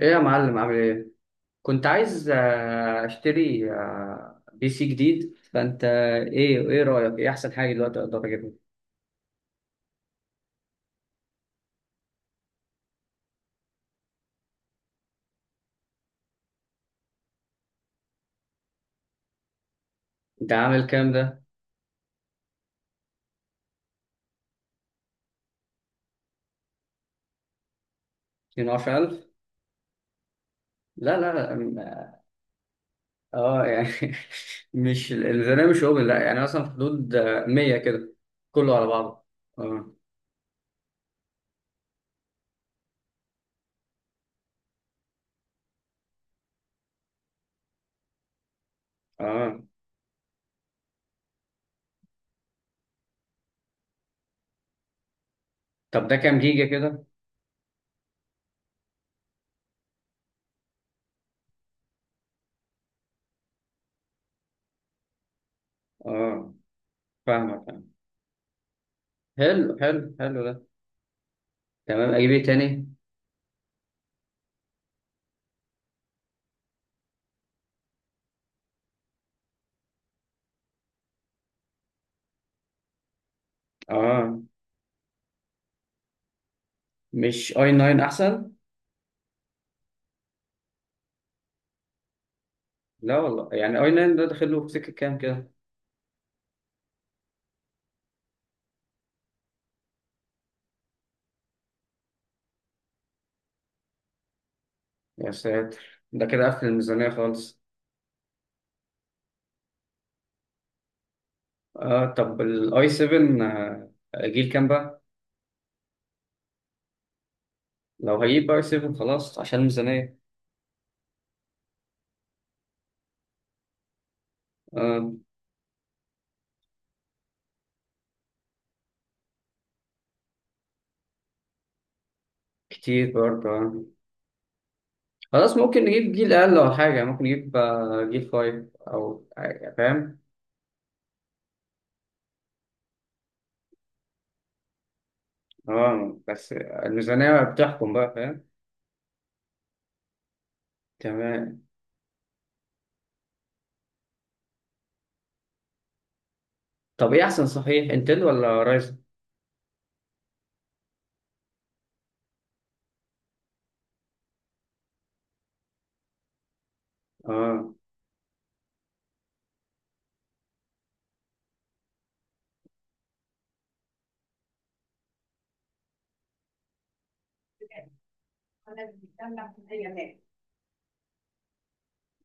ايه يا معلم، عامل ايه؟ كنت عايز اشتري بي سي جديد، فانت ايه رايك؟ ايه احسن حاجه دلوقتي اقدر اجيبها؟ انت عامل كام ده؟ 12,000. لا لا لا، اه يعني مش الميزانيه، مش اوبن، لا يعني مثلا في حدود 100 كده، كله على بعضه. اه، اه. طب ده كام جيجا كده؟ اه، فاهمك. حلو حلو حلو ده. تمام، اجيب ايه تاني؟ اه، مش اي 9 احسن؟ لا والله، يعني اي 9 ده داخل له في سكه كام كده؟ يا ساتر، ده كده قفل الميزانية خالص. اه طب الاي 7 جيل كام بقى؟ لو هجيب اي 7 خلاص عشان الميزانية. آه كتير برضه خلاص، ممكن نجيب جيل اقل ولا حاجة، ممكن نجيب جيل 5 او فاهم. اه بس الميزانية بتحكم بقى، فاهم. تمام. طب ايه احسن صحيح، انتل ولا رايزن؟ اه.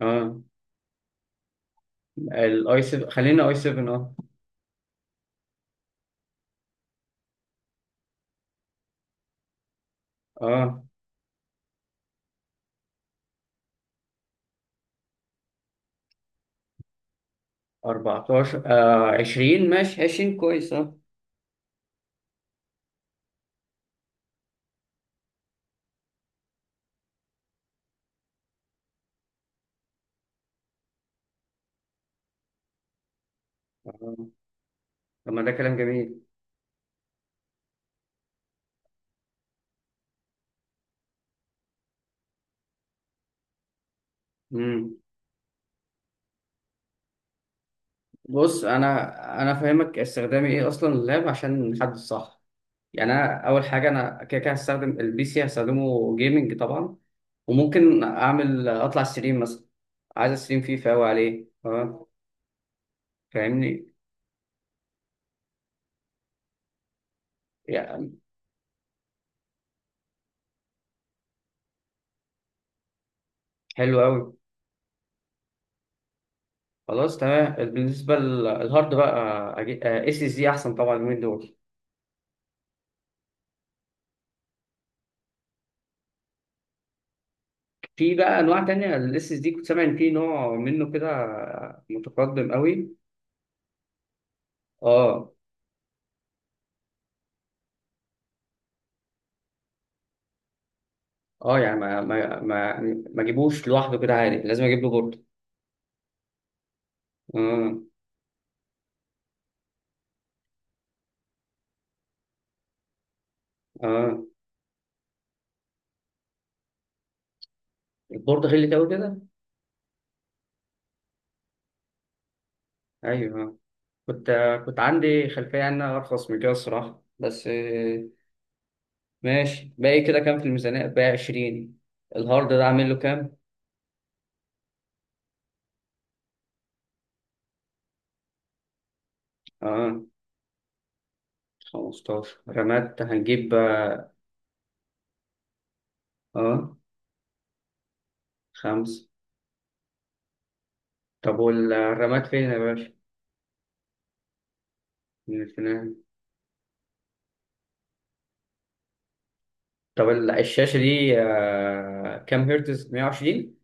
اه الاي 7، خلينا اي 7 اه. اه 14، 20، ماشي 20 كويس اه. آه. طب ما ده كلام جميل. امم بص، انا فاهمك استخدامي ايه اصلا اللاب عشان نحدد صح. يعني انا اول حاجه انا كده كده هستخدم البي سي، هستخدمه جيمنج طبعا، وممكن اعمل اطلع ستريم مثلا. عايز استريم فيفا قوي عليه، تمام؟ فاهمني. يعني حلو قوي. خلاص تمام. بالنسبه للهارد بقى، اس اس دي احسن طبعا من دول. في بقى انواع تانية الاس اس دي، كنت سامع ان في نوع منه كده متقدم قوي. اه. اه يعني، ما ما اجيبوش لوحده كده عادي، لازم اجيب له بورد؟ اه. اه البورد غلي قوي كده. ايوه كنت كنت عندي خلفيه انها ارخص من كده الصراحه، بس ماشي. باقي كده كام في الميزانيه؟ باقي 20. الهارد ده اعمل له كام؟ اه 15، رامات هنجيب. اه خمس. طب والرامات فين يا باشا؟ من فين؟ طب الشاشه دي كام هرتز، 120؟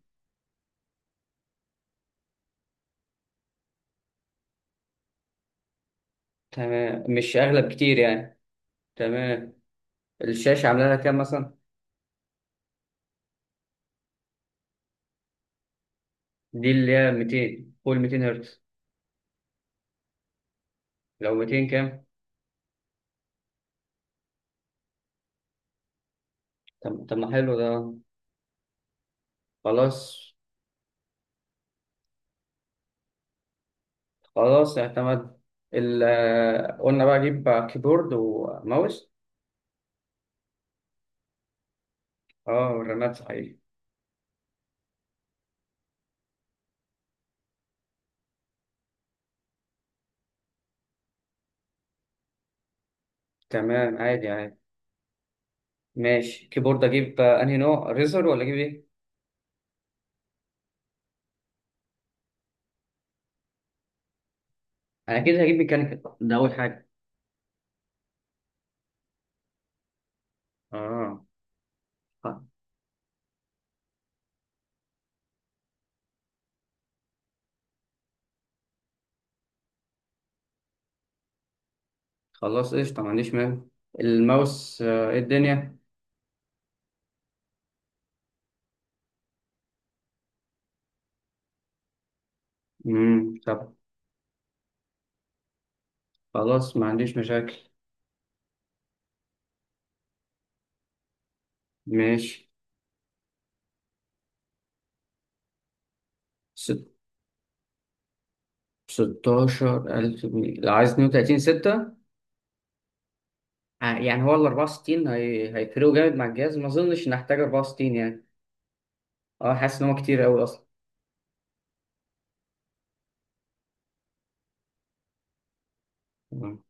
تمام، مش اغلى بكتير يعني. تمام. الشاشة عاملة لها كام مثلا؟ دي اللي هي 200، فوق 200 هرتز؟ لو 200 كام؟ طب ما حلو ده. خلاص خلاص، اعتمد. قلنا بقى أجيب كيبورد وماوس. اه. والرامات صحيح. تمام، عادي عادي. ماشي، كيبورد أجيب أنهي نوع، ريزر ولا أجيب إيه؟ أنا أكيد هجيب ميكانيكال، ده أول حاجة. اه، خ- خلاص، قشطة، ما عنديش مانع. الماوس إيه الدنيا؟ مم. طب. خلاص، ما عنديش مشاكل. ماشي. 16 ألف جنيه، لو عايز 32 ستة؟ يعني هو ال 64، هيفرقوا جامد مع الجهاز؟ ما أظنش إن أحتاج 64 يعني. أه، حاسس إن هو كتير أوي أصلا. مم.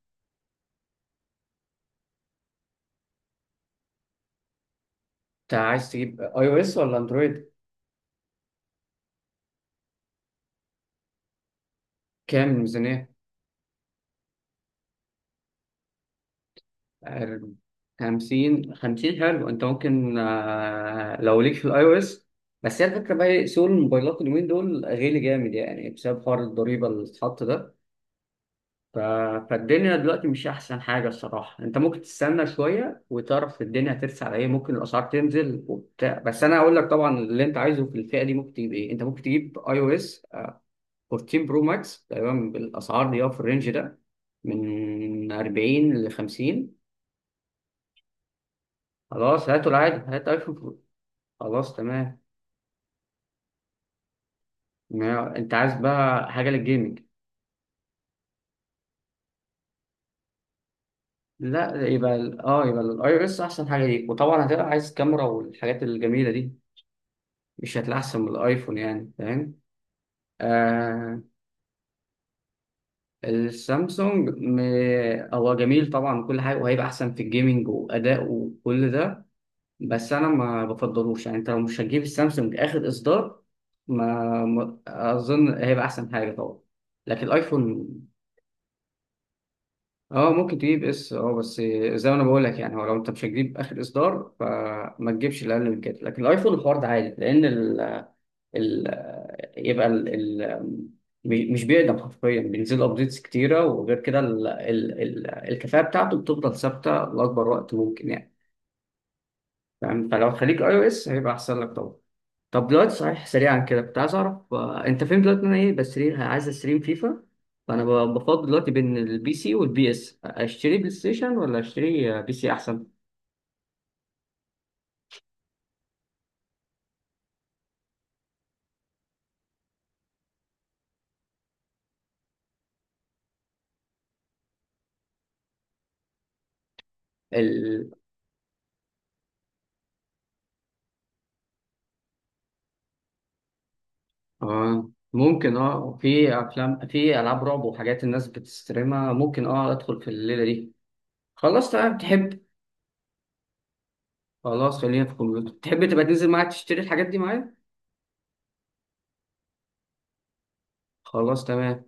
أنت عايز تجيب أي أو إس ولا أندرويد؟ كام الميزانية؟ أر- 50 حلو. أنت ممكن لو ليك في الأي أو إس. بس هي الفكرة بقى إيه، سوق الموبايلات اليومين دول غالي جامد يعني، بسبب حوار الضريبة اللي اتحط ده. ف... فالدنيا دلوقتي مش احسن حاجه الصراحه، انت ممكن تستنى شويه وتعرف الدنيا هترسى على ايه، ممكن الاسعار تنزل وبتاع. بس انا هقول لك طبعا اللي انت عايزه في الفئه دي ممكن تجيب ايه. انت ممكن تجيب اي او اس 14 برو ماكس تقريبا بالاسعار دي، أو في الرينج ده من 40 ل 50. خلاص، هاته العادي، هات ايفون برو. خلاص تمام. ما انت عايز بقى حاجه للجيمنج. لا، يبقى ال- اه يبقى الاي او اس احسن حاجه ليك، وطبعا هتبقى عايز كاميرا والحاجات الجميله دي. مش هتلاقي احسن من الايفون، يعني فاهم. آه، السامسونج هو جميل طبعا وكل حاجه، وهيبقى احسن في الجيمنج واداء وكل ده. بس انا ما بفضلوش يعني، انت لو مش هتجيب السامسونج اخر اصدار، ما اظن هيبقى احسن حاجه طبعا. لكن الايفون، اه، ممكن تجيب اس اه، بس زي ما انا بقول لك يعني. هو لو انت مش هتجيب اخر اصدار، فما تجيبش الاقل من كده. لكن الايفون الحوار ده عادي، لان ال... يبقى ال... ال... مش بيقدم حرفيا، بينزل له ابديتس كتيره. وغير كده الكفاءه بتاعته بتفضل ثابته لاكبر وقت ممكن يعني. فاهم. فلو خليك اي او اس هيبقى احسن لك طبعا. طب دلوقتي، صحيح، سريعا كده، كنت عايز اعرف انت فين دلوقتي. إن انا ايه بستريم، عايز استريم فيفا، فانا بفضل دلوقتي بين البي سي والبي اس. اشتري بلاي ستيشن ولا اشتري بي سي احسن؟ اه ممكن، اه، في افلام، في العاب رعب وحاجات الناس بتستريمها، ممكن، اه، ادخل في الليله دي. خلاص تمام. تحب خلاص خلينا في الكمبيوتر. تحب تبقى تنزل معايا تشتري الحاجات دي معايا؟ خلاص تمام.